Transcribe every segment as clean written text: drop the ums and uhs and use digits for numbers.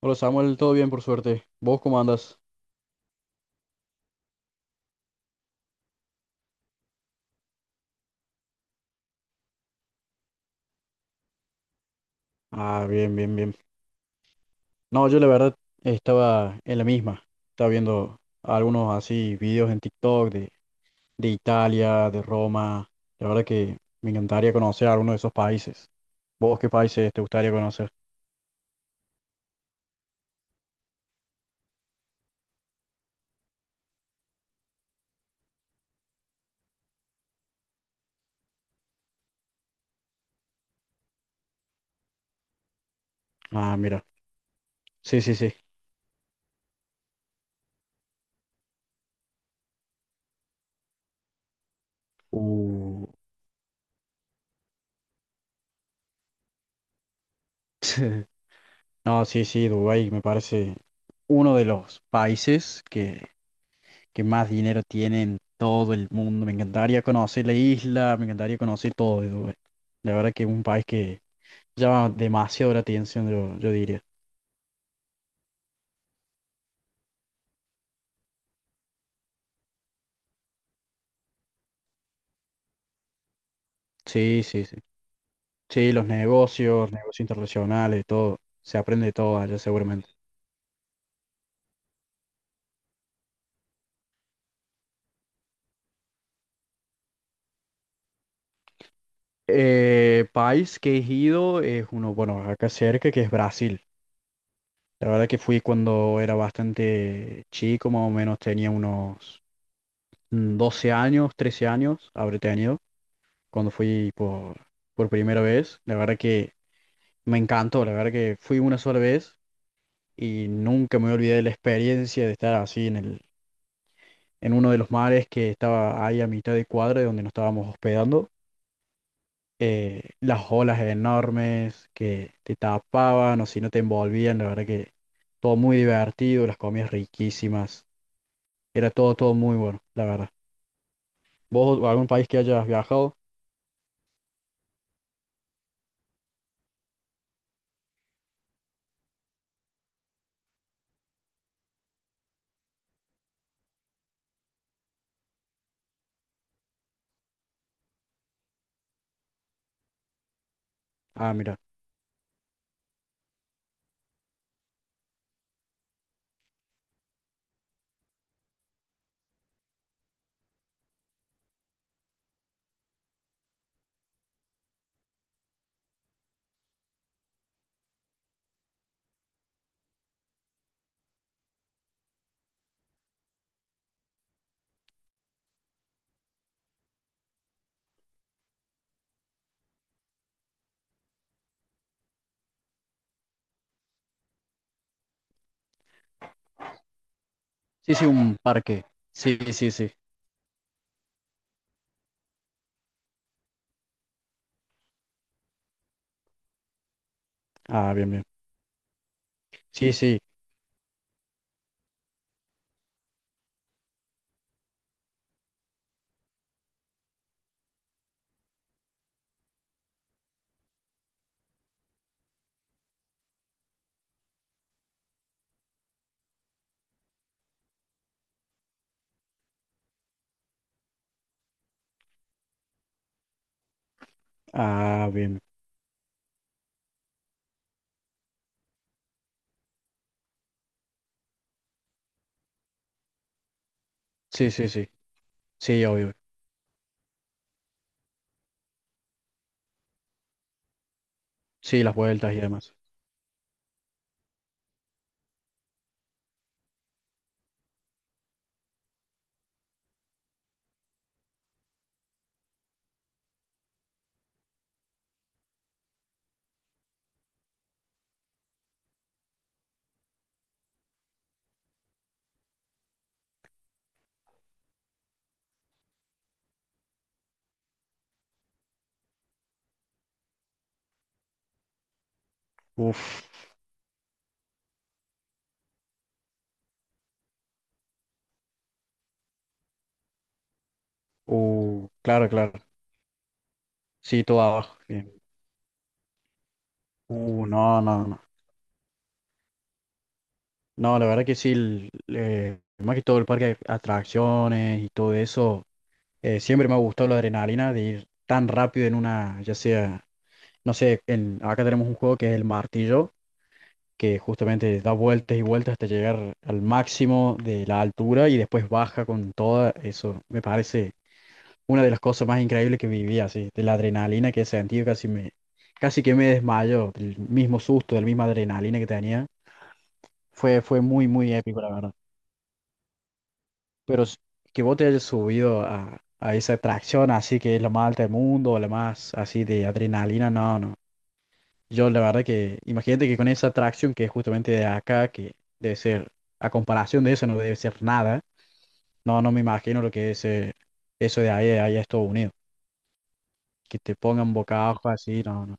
Hola Samuel, todo bien por suerte. ¿Vos cómo andas? Ah, bien, bien, bien. No, yo la verdad estaba en la misma. Estaba viendo algunos así videos en TikTok de Italia, de Roma. La verdad que me encantaría conocer alguno de esos países. ¿Vos qué países te gustaría conocer? Ah, mira. Sí, sí, sí. Uh. No, sí, sí, Dubái me parece uno de los países que más dinero tiene en todo el mundo. Me encantaría conocer la isla, me encantaría conocer todo de Dubái. La verdad que es un país que llama demasiado la atención, yo diría. Sí, sí, sí. Sí, los negocios, negocios internacionales, todo. Se aprende de todo allá seguramente. País que he ido es uno, bueno, acá cerca, que es Brasil. La verdad que fui cuando era bastante chico, más o menos tenía unos 12 años, 13 años, habré tenido, cuando fui por primera vez. La verdad que me encantó, la verdad que fui una sola vez y nunca me olvidé de la experiencia de estar así en en uno de los mares que estaba ahí a mitad de cuadra de donde nos estábamos hospedando. Las olas enormes que te tapaban o si no te envolvían, la verdad que todo muy divertido, las comidas riquísimas, era todo, todo muy bueno, la verdad. ¿Vos algún país que hayas viajado? Ah, mira. Sí, sí, un parque. Sí, sí, sí. Ah, bien, bien. Sí, sí, Ah, bien. Sí, sí, sí. Sí, obvio. Sí, las vueltas y demás. Uf. Claro, claro. Sí, todo abajo. Bien. No, no, no. No, la verdad que sí, más que todo el parque de atracciones y todo eso, siempre me ha gustado la adrenalina de ir tan rápido en una, ya sea, no sé, acá tenemos un juego que es el martillo. Que justamente da vueltas y vueltas hasta llegar al máximo de la altura y después baja con toda eso. Me parece una de las cosas más increíbles que viví así, de la adrenalina que he sentido, casi que me desmayo, del mismo susto, del misma adrenalina que tenía. Fue muy, muy épico, la verdad. Pero s- que vos te hayas subido a esa atracción así que es la más alta del mundo, la más así de adrenalina, no, no. Yo la verdad que, imagínate que con esa atracción que es justamente de acá, que debe ser, a comparación de eso no debe ser nada, no, no me imagino lo que es eso de ahí, allá a Estados Unidos, que te pongan boca abajo así, no, no,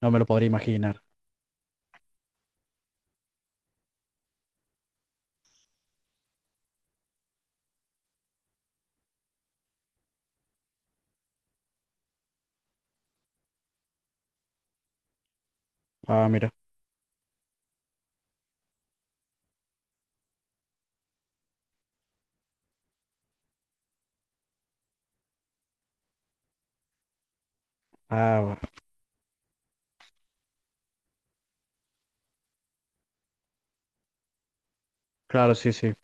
no me lo podría imaginar. Ah, mira, ah, bueno. Claro, sí, sí,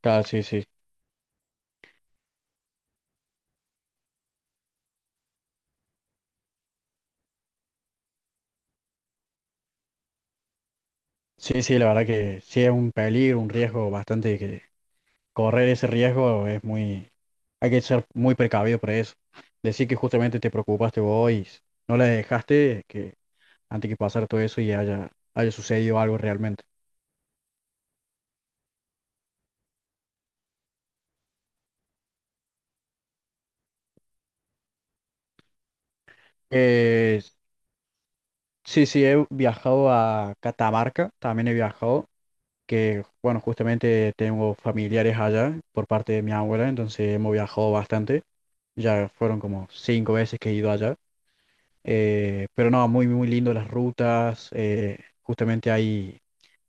claro, sí, sí. Sí, sí, la verdad que sí es un peligro, un riesgo bastante que correr ese riesgo es muy, hay que ser muy precavido por eso. Decir que justamente te preocupaste vos y no la dejaste, que antes que pasara todo eso y haya sucedido algo realmente. Eh, sí, sí, he viajado a Catamarca, también he viajado, que bueno, justamente tengo familiares allá por parte de mi abuela, entonces hemos viajado bastante. Ya fueron como cinco veces que he ido allá. Pero no, muy, muy lindo las rutas.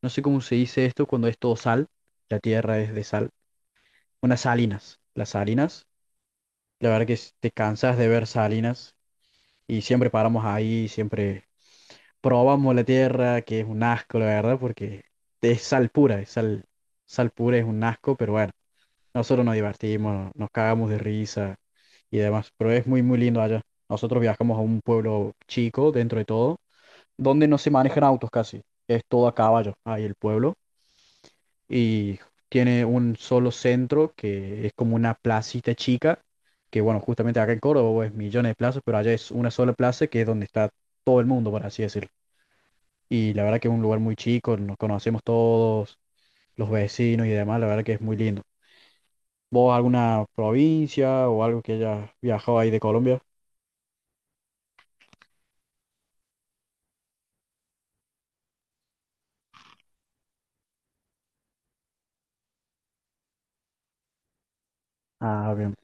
No sé cómo se dice esto cuando es todo sal, la tierra es de sal. Unas salinas, las salinas. La verdad que te cansas de ver salinas y siempre paramos ahí, siempre probamos la tierra, que es un asco, la verdad, porque es sal pura, sal pura, es un asco, pero bueno, nosotros nos divertimos, nos cagamos de risa y demás, pero es muy, muy lindo allá. Nosotros viajamos a un pueblo chico, dentro de todo, donde no se manejan autos casi, es todo a caballo, ahí el pueblo y tiene un solo centro que es como una placita chica, que bueno, justamente acá en Córdoba es millones de plazas, pero allá es una sola plaza que es donde está todo el mundo, por así decirlo. Y la verdad que es un lugar muy chico, nos conocemos todos, los vecinos y demás, la verdad que es muy lindo. ¿Vos alguna provincia o algo que hayas viajado ahí de Colombia? Ah, bien.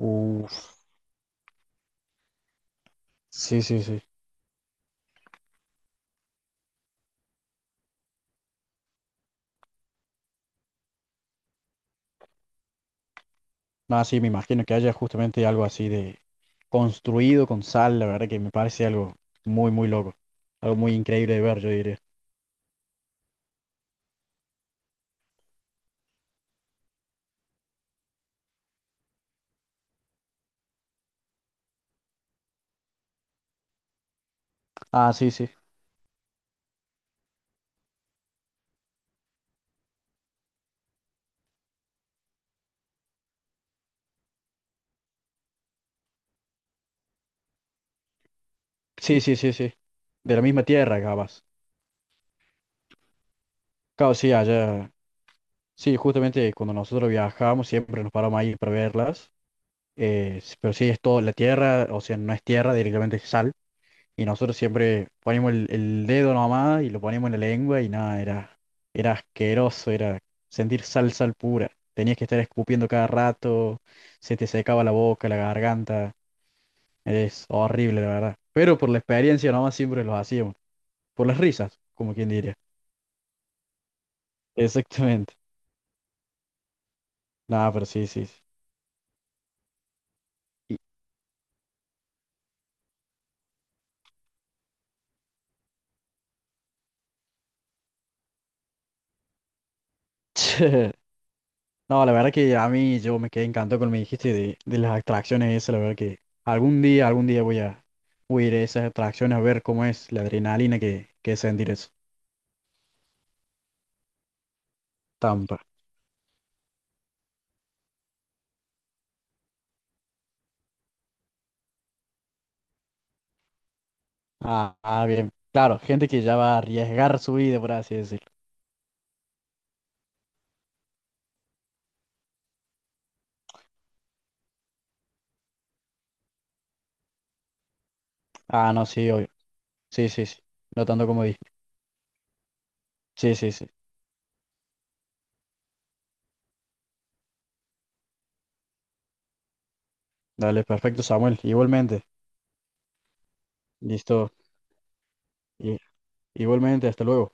Uf, sí, sí, sí. Nada, sí, me imagino que haya justamente algo así de construido con sal, la verdad que me parece algo muy, muy loco. Algo muy increíble de ver, yo diría. Ah, sí, sí. Sí, sí, sí, sí. De la misma tierra, capaz. Claro, sí, allá. Sí, justamente cuando nosotros viajábamos siempre nos paramos ahí para verlas. Pero sí, es todo la tierra, o sea, no es tierra, directamente es sal. Y nosotros siempre poníamos el dedo nomás y lo poníamos en la lengua y nada, era asqueroso, era sentir sal, sal pura. Tenías que estar escupiendo cada rato, se te secaba la boca, la garganta. Es horrible, la verdad. Pero por la experiencia nomás siempre los hacíamos. Por las risas, como quien diría. Exactamente. Nada, pero sí, sí, sí. Y- No, la verdad que a mí yo me quedé encantado con lo que me dijiste de las atracciones esas. La verdad que algún día voy a ir a esas atracciones a ver cómo es la adrenalina que es sentir eso. Tampa. Ah, ah, bien. Claro, gente que ya va a arriesgar su vida, por así decirlo. Ah, no, sí, obvio. Sí, sí, sí. No tanto como dije. Sí, sí, sí. Dale, perfecto, Samuel. Igualmente. Listo. I- igualmente, hasta luego.